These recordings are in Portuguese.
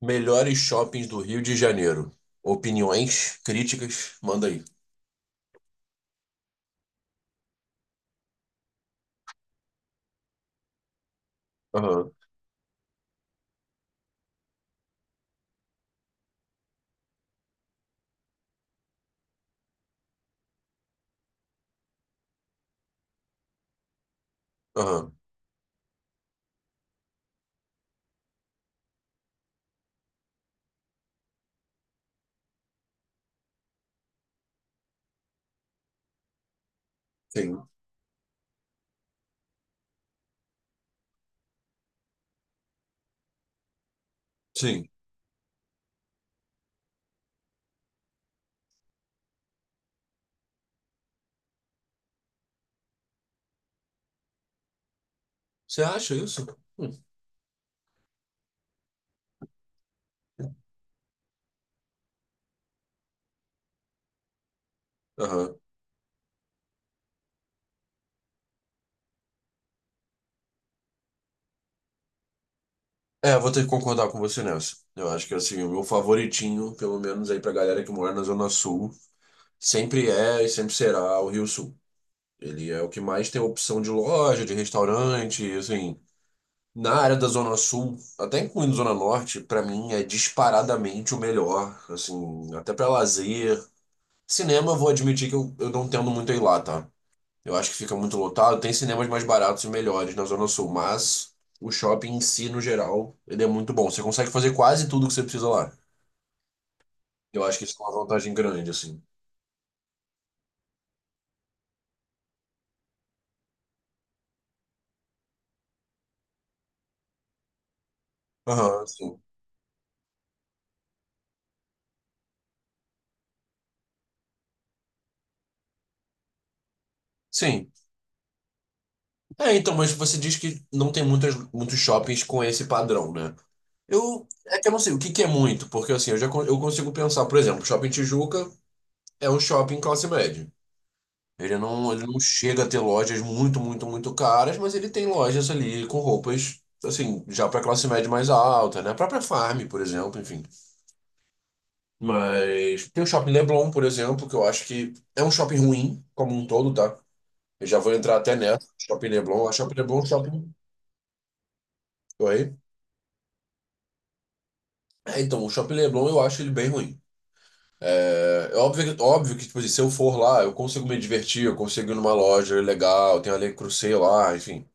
Melhores shoppings do Rio de Janeiro. Opiniões, críticas, manda aí. Aham, aham, sim, sim. Você acha isso? Hum. Aham. É, vou ter que concordar com você nessa. Eu acho que assim, o meu favoritinho, pelo menos aí pra galera que mora na Zona Sul, sempre é e sempre será o Rio Sul. Ele é o que mais tem opção de loja, de restaurante, assim. Na área da Zona Sul, até incluindo Zona Norte, pra mim é disparadamente o melhor, assim, até pra lazer, cinema. Eu vou admitir que eu não tendo muito a ir lá, tá? Eu acho que fica muito lotado. Tem cinemas mais baratos e melhores na Zona Sul, mas o shopping em si, no geral, ele é muito bom. Você consegue fazer quase tudo que você precisa lá. Eu acho que isso é uma vantagem grande, assim. Aham, sim. Sim. É, então, mas você diz que não tem muitas, muitos shoppings com esse padrão, né? Eu, é que eu não sei o que que é muito, porque assim, eu já eu consigo pensar, por exemplo, Shopping Tijuca é um shopping classe média. Ele não chega a ter lojas muito, muito, muito caras, mas ele tem lojas ali com roupas, assim, já para classe média mais alta, né? A própria Farm, por exemplo, enfim. Mas tem o Shopping Leblon, por exemplo, que eu acho que é um shopping ruim, como um todo, tá? Eu já vou entrar até nessa. Shopping Leblon, a Shopping Leblon, é um shopping. Oi? É, então, o Shopping Leblon eu acho ele bem ruim. É óbvio, óbvio que, tipo assim, se eu for lá, eu consigo me divertir, eu consigo ir numa loja legal, tem a Le Creuset lá, enfim.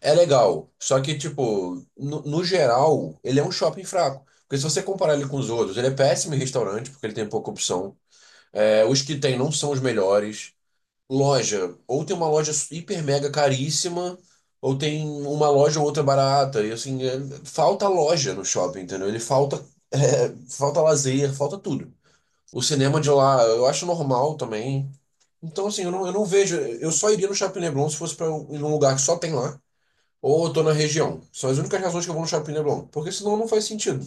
É legal, só que, tipo, no geral, ele é um shopping fraco. Porque se você comparar ele com os outros, ele é péssimo em restaurante, porque ele tem pouca opção. É, os que tem não são os melhores. Loja, ou tem uma loja hiper mega caríssima, ou tem uma loja ou outra barata. E assim, falta loja no shopping, entendeu? Ele falta, é, falta lazer, falta tudo. O cinema de lá, eu acho normal também. Então, assim, eu não vejo. Eu só iria no Shopping Leblon se fosse pra em um lugar que só tem lá. Ou eu tô na região. São as únicas razões que eu vou no Shopping Leblon. Porque senão não faz sentido.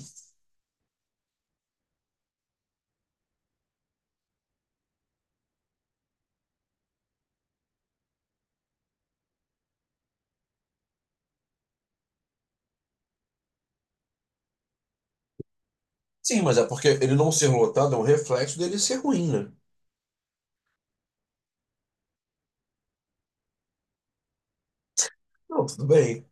Sim, mas é porque ele não ser lotado é um reflexo dele ser ruim, né? Não, tudo bem.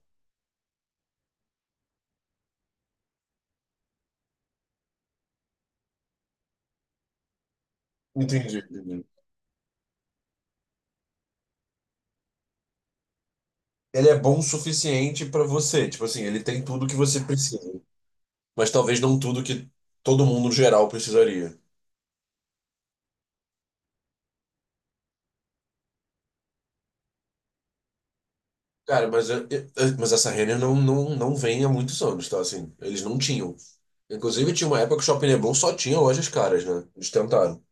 Entendi, entendi. Ele é bom o suficiente pra você. Tipo assim, ele tem tudo que você precisa. Mas talvez não tudo que todo mundo no geral precisaria. Cara, mas, mas essa Renner não vem há muitos anos, tá? Assim, eles não tinham. Inclusive, tinha uma época que o Shopping Leblon só tinha lojas caras, né? Eles tentaram.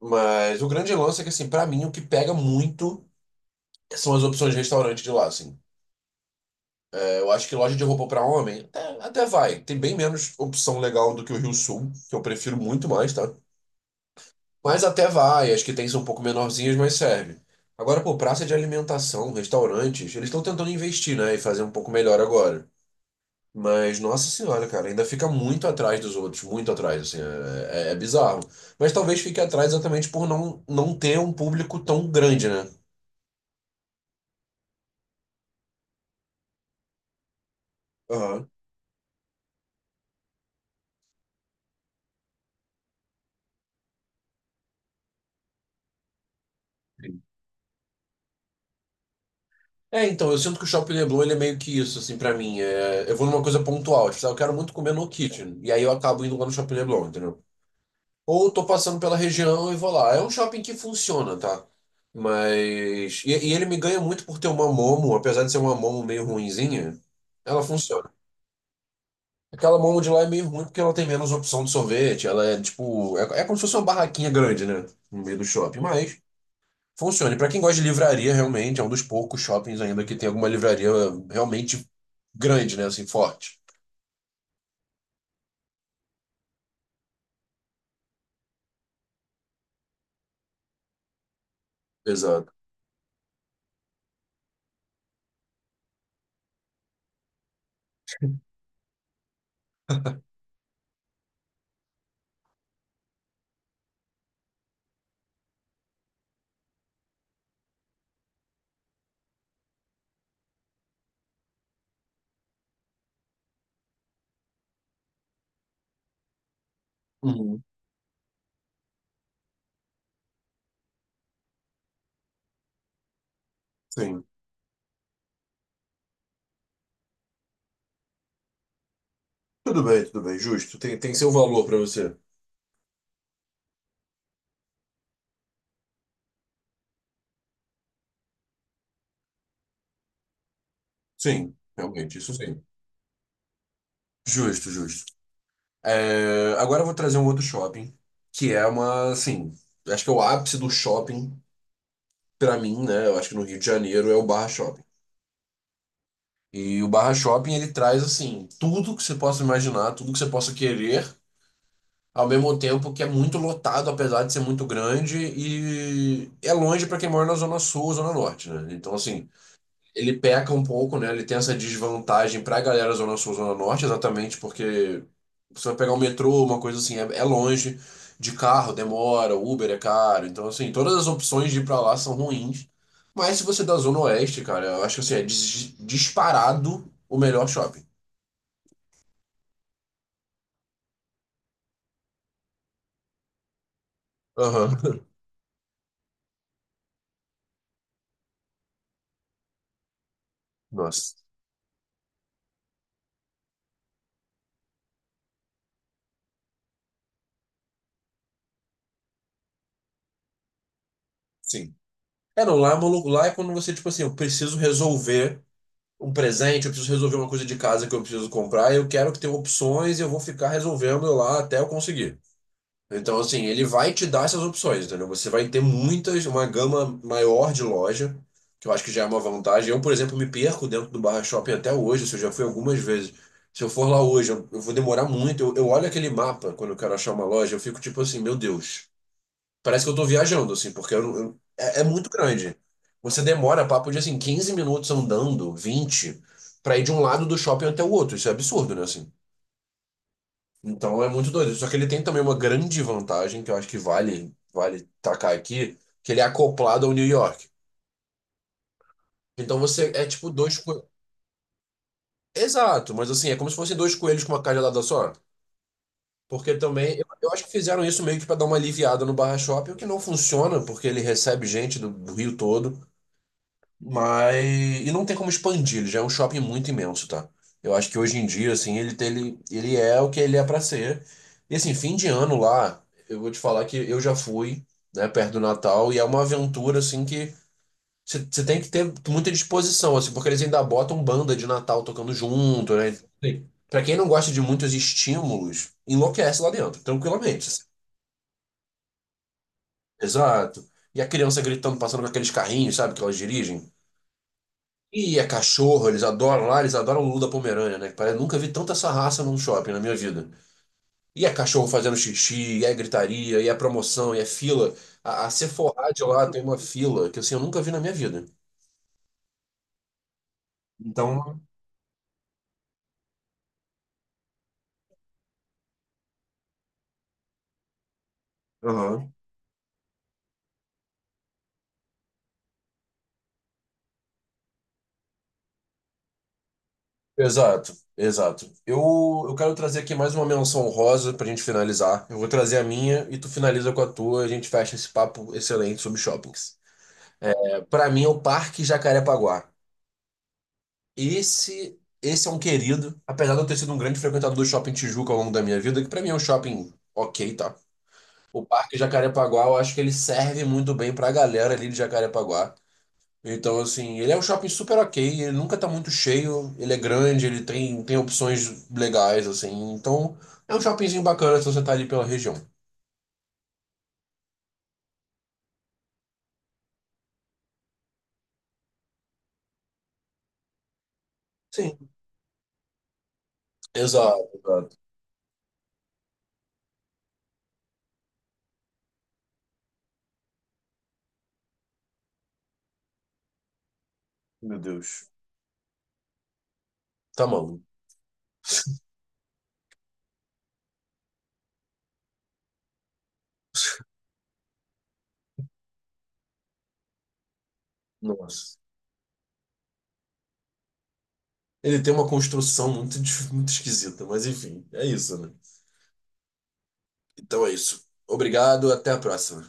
Mas o grande lance é que, assim, pra mim, o que pega muito são as opções de restaurante de lá, assim. É, eu acho que loja de roupa pra homem até, até vai. Tem bem menos opção legal do que o Rio Sul, que eu prefiro muito mais, tá? Mas até vai. As que tem são um pouco menorzinhas, mas serve. Agora, pô, praça de alimentação, restaurantes, eles estão tentando investir, né? E fazer um pouco melhor agora. Mas, nossa senhora, cara, ainda fica muito atrás dos outros, muito atrás, assim, é bizarro. Mas talvez fique atrás exatamente por não ter um público tão grande, né? Aham. É, então, eu sinto que o Shopping Leblon ele é meio que isso, assim, pra mim. É, eu vou numa coisa pontual, tipo, "Ah, eu quero muito comer no Kitchen", e aí eu acabo indo lá no Shopping Leblon, entendeu? Ou eu tô passando pela região e vou lá. É um shopping que funciona, tá? Mas. E ele me ganha muito por ter uma Momo, apesar de ser uma Momo meio ruinzinha, ela funciona. Aquela Momo de lá é meio ruim porque ela tem menos opção de sorvete, ela é tipo. É, é como se fosse uma barraquinha grande, né? No meio do shopping, mas. Funcione. Para quem gosta de livraria, realmente, é um dos poucos shoppings ainda que tem alguma livraria realmente grande, né? Assim, forte. Exato. Uhum. Sim. Tudo bem, tudo bem. Justo. Tem, tem seu valor para você. Sim, realmente, isso sim. Justo, justo. É, agora eu vou trazer um outro shopping, que é uma, assim, acho que é o ápice do shopping, para mim, né? Eu acho que no Rio de Janeiro é o Barra Shopping. E o Barra Shopping, ele traz, assim, tudo que você possa imaginar, tudo que você possa querer. Ao mesmo tempo que é muito lotado, apesar de ser muito grande, e é longe para quem mora na Zona Sul ou Zona Norte, né? Então, assim, ele peca um pouco, né? Ele tem essa desvantagem para a galera Zona Sul, Zona Norte, exatamente porque você vai pegar um metrô, uma coisa assim, é longe, de carro demora, Uber é caro. Então, assim, todas as opções de ir para lá são ruins. Mas se você é da Zona Oeste, cara, eu acho que assim, é disparado o melhor shopping. Aham. Nossa, sim. É, não, lá é maluco. Lá é quando você, tipo assim, eu preciso resolver um presente, eu preciso resolver uma coisa de casa que eu preciso comprar, eu quero que tenha opções e eu vou ficar resolvendo lá até eu conseguir. Então, assim, ele vai te dar essas opções, entendeu? Você vai ter muitas, uma gama maior de loja, que eu acho que já é uma vantagem. Eu, por exemplo, me perco dentro do Barra Shopping até hoje, se eu já fui algumas vezes. Se eu for lá hoje, eu vou demorar muito. Eu olho aquele mapa quando eu quero achar uma loja, eu fico tipo assim, meu Deus. Parece que eu tô viajando, assim, porque é, é muito grande. Você demora papo de, assim, 15 minutos andando, 20, pra ir de um lado do shopping até o outro. Isso é absurdo, né, assim? Então é muito doido. Só que ele tem também uma grande vantagem, que eu acho que vale, vale tacar aqui, que ele é acoplado ao New York. Então você é tipo dois coelhos. Exato, mas assim, é como se fossem dois coelhos com uma cajadada só. Porque também, eu acho que fizeram isso meio que pra dar uma aliviada no Barra Shopping, o que não funciona, porque ele recebe gente do Rio todo. Mas. E não tem como expandir, ele já é um shopping muito imenso, tá? Eu acho que hoje em dia, assim, ele, ele é o que ele é pra ser. E assim, fim de ano lá, eu vou te falar que eu já fui, né, perto do Natal, e é uma aventura, assim, que você tem que ter muita disposição, assim, porque eles ainda botam banda de Natal tocando junto, né? Sim. Pra quem não gosta de muitos estímulos, enlouquece lá dentro, tranquilamente, assim. Exato. E a criança gritando, passando com aqueles carrinhos, sabe, que elas dirigem. E é cachorro, eles adoram lá, eles adoram o Lula Pomerânia, né? Parece, nunca vi tanta essa raça num shopping na minha vida. E é cachorro fazendo xixi, e é gritaria, e é promoção, e é fila. A Sephora de lá tem uma fila que assim, eu nunca vi na minha vida. Então, aham. Exato, exato. Eu quero trazer aqui mais uma menção honrosa pra gente finalizar. Eu vou trazer a minha e tu finaliza com a tua, a gente fecha esse papo excelente sobre shoppings. É, pra mim é o Parque Jacarepaguá. Esse é um querido, apesar de eu ter sido um grande frequentador do Shopping Tijuca ao longo da minha vida, que pra mim é um shopping ok, tá? O Parque Jacarepaguá, eu acho que ele serve muito bem pra galera ali de Jacarepaguá. Então, assim, ele é um shopping super ok, ele nunca tá muito cheio, ele é grande, tem opções legais, assim. Então, é um shoppingzinho bacana se você tá ali pela região. Sim, exato, exato. Meu Deus. Tá maluco. Nossa. Ele tem uma construção muito, muito esquisita, mas enfim, é isso, né? Então é isso. Obrigado, até a próxima.